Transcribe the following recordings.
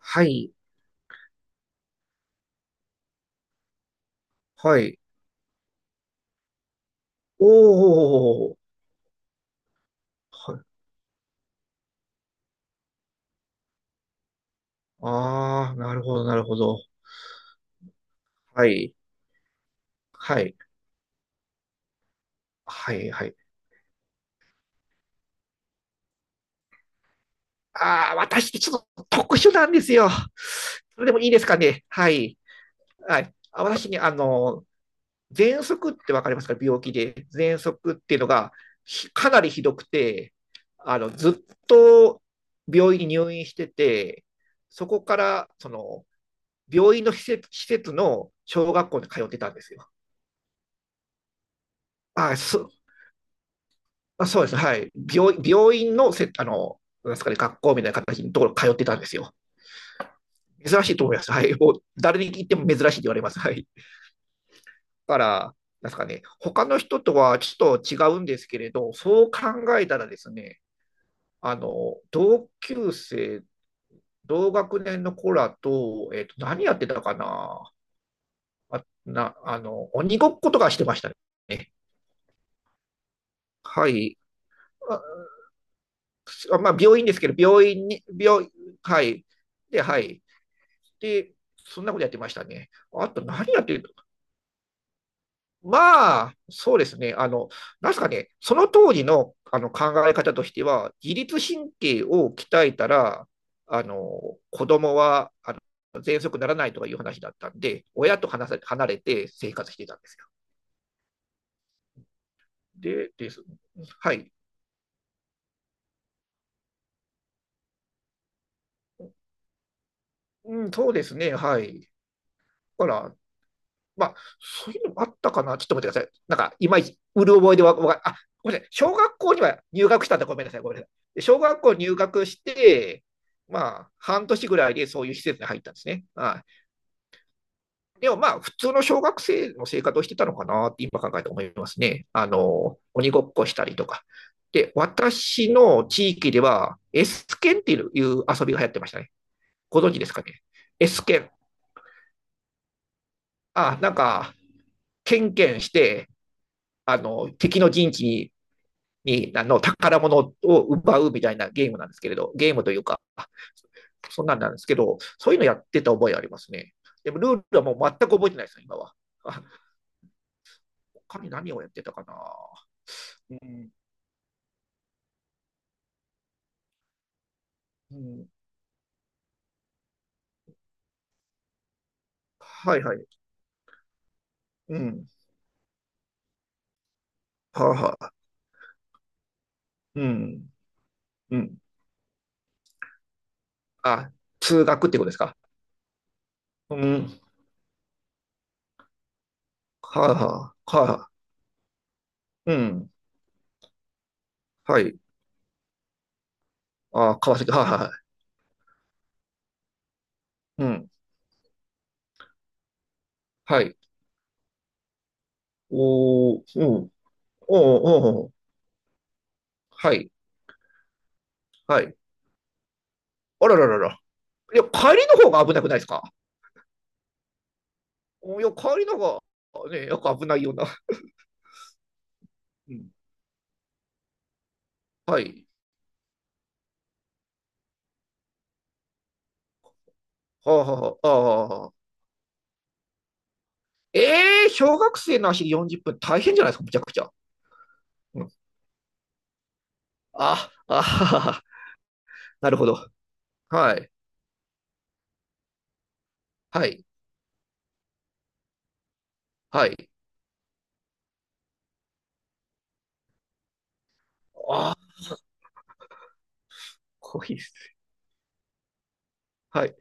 はい、はい。おー、はい。あー、なるほど、なるほど。はい、はい、はい、はい。あー、私ってちょっと特殊なんですよ。それでもいいですかね。はい、はい。あ、私ね、喘息ってわかりますか？病気で。喘息っていうのがなりひどくて、ずっと病院に入院してて、そこから、病院の施設、施設の小学校に通ってたんですよ。あ、そあ、そうですね。はい。病院なんですかね、学校みたいな形のところ通ってたんですよ。珍しいと思います。はい。もう、誰に聞いても珍しいって言われます。はい。だから、なんですかね、他の人とはちょっと違うんですけれど、そう考えたらですね、同級生、同学年の子らと、何やってたかな。鬼ごっことかしてましたね。はい。あ、まあ、病院ですけど、病院に、病、はい。で、はい。で、そんなことやってましたね。あと何やってるの？まあ、そうですね。あの、なんすかね、その当時のあの考え方としては、自律神経を鍛えたら、子供は、喘息ならないとかいう話だったんで、親と離れて生活してたんですよ。で、です。はい。うん、そうですね。はい。だから、まあ、そういうのもあったかな。ちょっと待ってください。なんか、いまいち、うる覚えでわ、わかんないあ、ごめんなさい。小学校には入学したんだ。ごめんなさい。ごめんなさい。小学校入学して、まあ、半年ぐらいでそういう施設に入ったんですね。はい。でもまあ、普通の小学生の生活をしてたのかなって今考えて思いますね。あの、鬼ごっこしたりとか。で、私の地域では、S 剣っていう遊びが流行ってましたね。ご存知ですかね。S 剣。あ、なんか、ケンケンして、あの、敵の陣地に、あの、宝物を奪うみたいなゲームなんですけれど、ゲームというか、そんなんなんですけど、そういうのやってた覚えありますね。でも、ルールはもう全く覚えてないですよ、今は。あ、他に何をやってたかな。うん、うん、はいはい。うん。はあ、はあ、うん、うん。あ、通学ってことですか？うん。はあ、はあ、はあ、うん。はい。あ、川崎、はあ、はあ、うん。はい。おー、うん。おー、おー、おーはい。はい。あらららら。いや、帰りの方が危なくないですか？いや、帰りの方が、ね、よく危ないような。うんはい。はあ、はあ、はあ、はえー小学生の足40分大変じゃないですか、むちゃくちゃ。うん。あ、あはは、なるほど。はい。はい。はい。あ、こいですね。はい。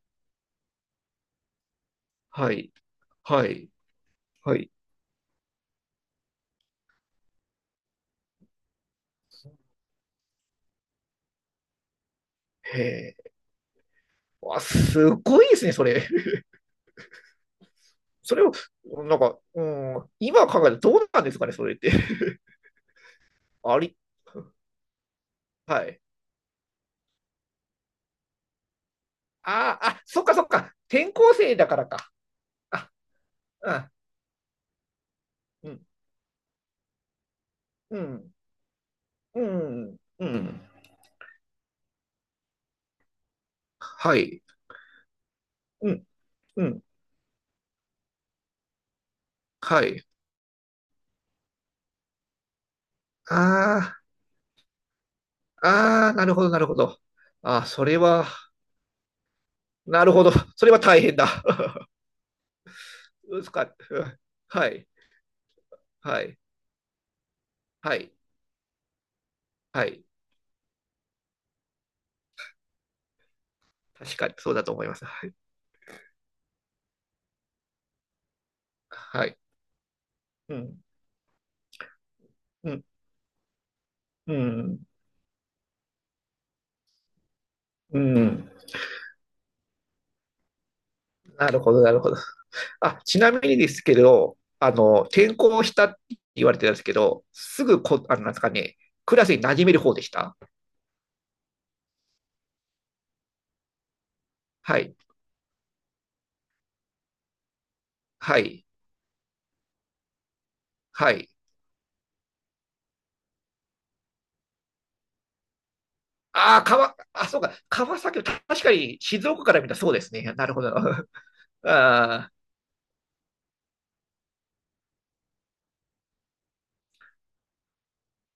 はい。はい。はい。へえ。わ、すごいですね、それ。それを、なんか、うん、今考えたらどうなんですかね、それって。あり、はい。ああ、あ、そっかそっか。転校生だからか。あ、あ、うん、うん、うん、うん。はい。うん、うん。はい。ああ、ああ、なるほど、なるほど。ああ、それは、なるほど。それは大変だ。うんそっか。うんはい、はい、はい、はい。確かに、そうだと思います。はい。はい。うん、うん、うん、うん。なるほど、なるほど。あ、ちなみにですけど、あの、転校したって言われてたんですけど、すぐこ、あの、なんですかね、クラスに馴染める方でした？はい、はい、はい。ああ、あ、そうか、川崎、確かに静岡から見たらそうですね。なるほど。ああ、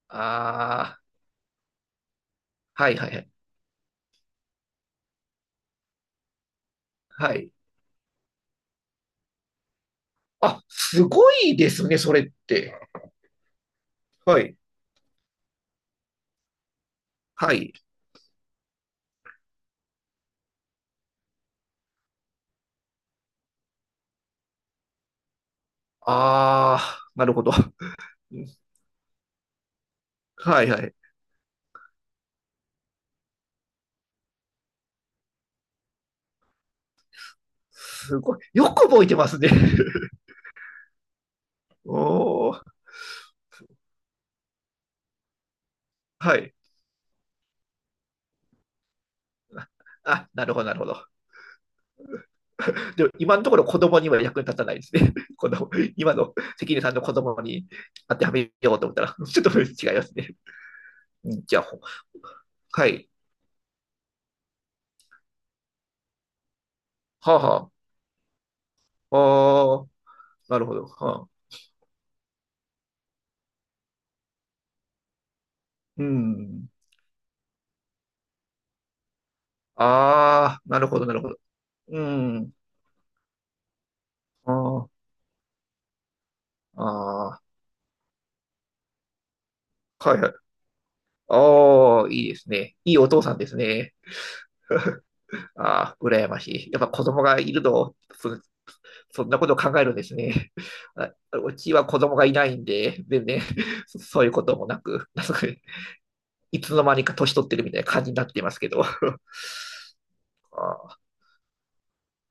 ああ、はいはいはい。はい。あ、すごいですね、それって。はい、はい。ああ、なるほど。はいはい。すごい。よく覚えてますね。おー、はい。あ、なるほど、なるほど。でも今のところ子供には役に立たないですね。この今の関根さんの子供に当てはめようと思ったら、ちょっと違いますね。じゃあ、はい。はあ、はあ。ああ、なるほど。はあ、うん。ああ、なるほど、なるほど。うん。ああ、ああ、はいはい。ああ、いいですね。いいお父さんですね。ああ、羨ましい。やっぱ子供がいるの、そんなことを考えるんですね。あ、うちは子供がいないんで、全然、そういうこともなく、なんかいつの間にか年取ってるみたいな感じになってますけど。ああ、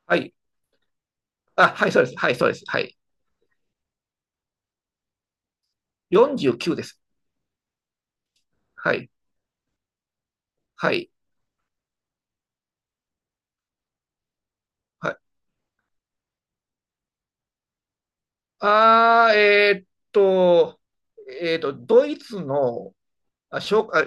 はい。あ、はい、そうです。はい、そうです。はい。49です。はい。はい。はい。ああと、ドイツの、あ、小、あ、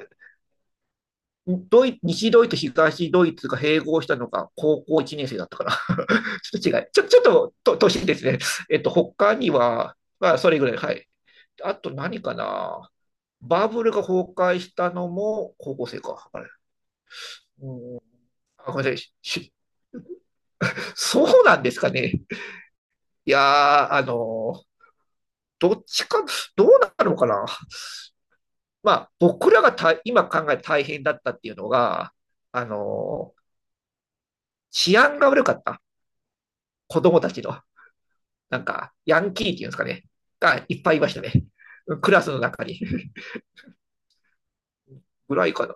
ドイ、西ドイツ、東ドイツが併合したのが高校1年生だったから ちょっと違い。ちょっと、年ですね。他には、まあ、それぐらい。はい。あと何かな。バブルが崩壊したのも高校生か。あれ。うん。あ、ごめんなさい。そうなんですかね。いやー、ーどっちか、どうなるのかな。まあ、僕らが今考えて大変だったっていうのが、あのー治安が悪かった。子供たちの。なんか、ヤンキーっていうんですかね、がいっぱいいましたね。クラスの中に。ぐらいかな。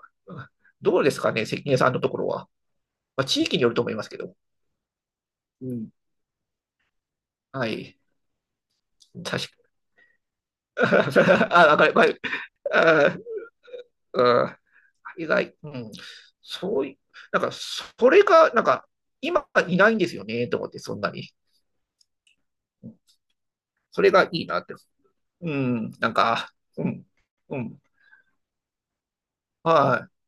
どうですかね、関根さんのところは。まあ、地域によると思いますけど。うん。はい。確かに。あ、わかる、わかる。あうん意外、うん。そういうなんか、それが、なんか、今いないんですよね、と思って、そんなに。うんそれがいいなって。うん、なんか、うん、うん。はい、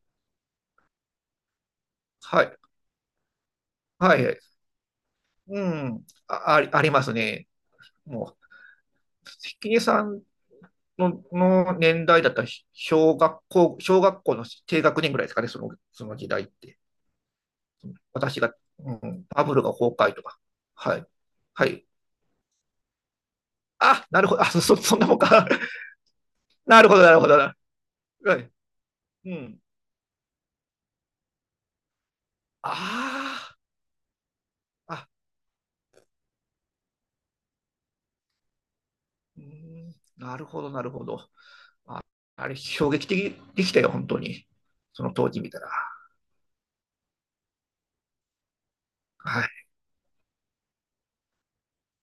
はい、はい。うん、あ、ありますね。もう、関根さんの、の年代だったら、小学校、小学校の低学年ぐらいですかね、その時代って。私が、うん、バブルが崩壊とか。はい。はい。あ、なるほど。そんなもんか。なるほど、なるほど。なはい。うん。ああ、あ、うーん、なるほど、なるほど。あれ、衝撃的でしたよ、本当に。その当時見たら。はい。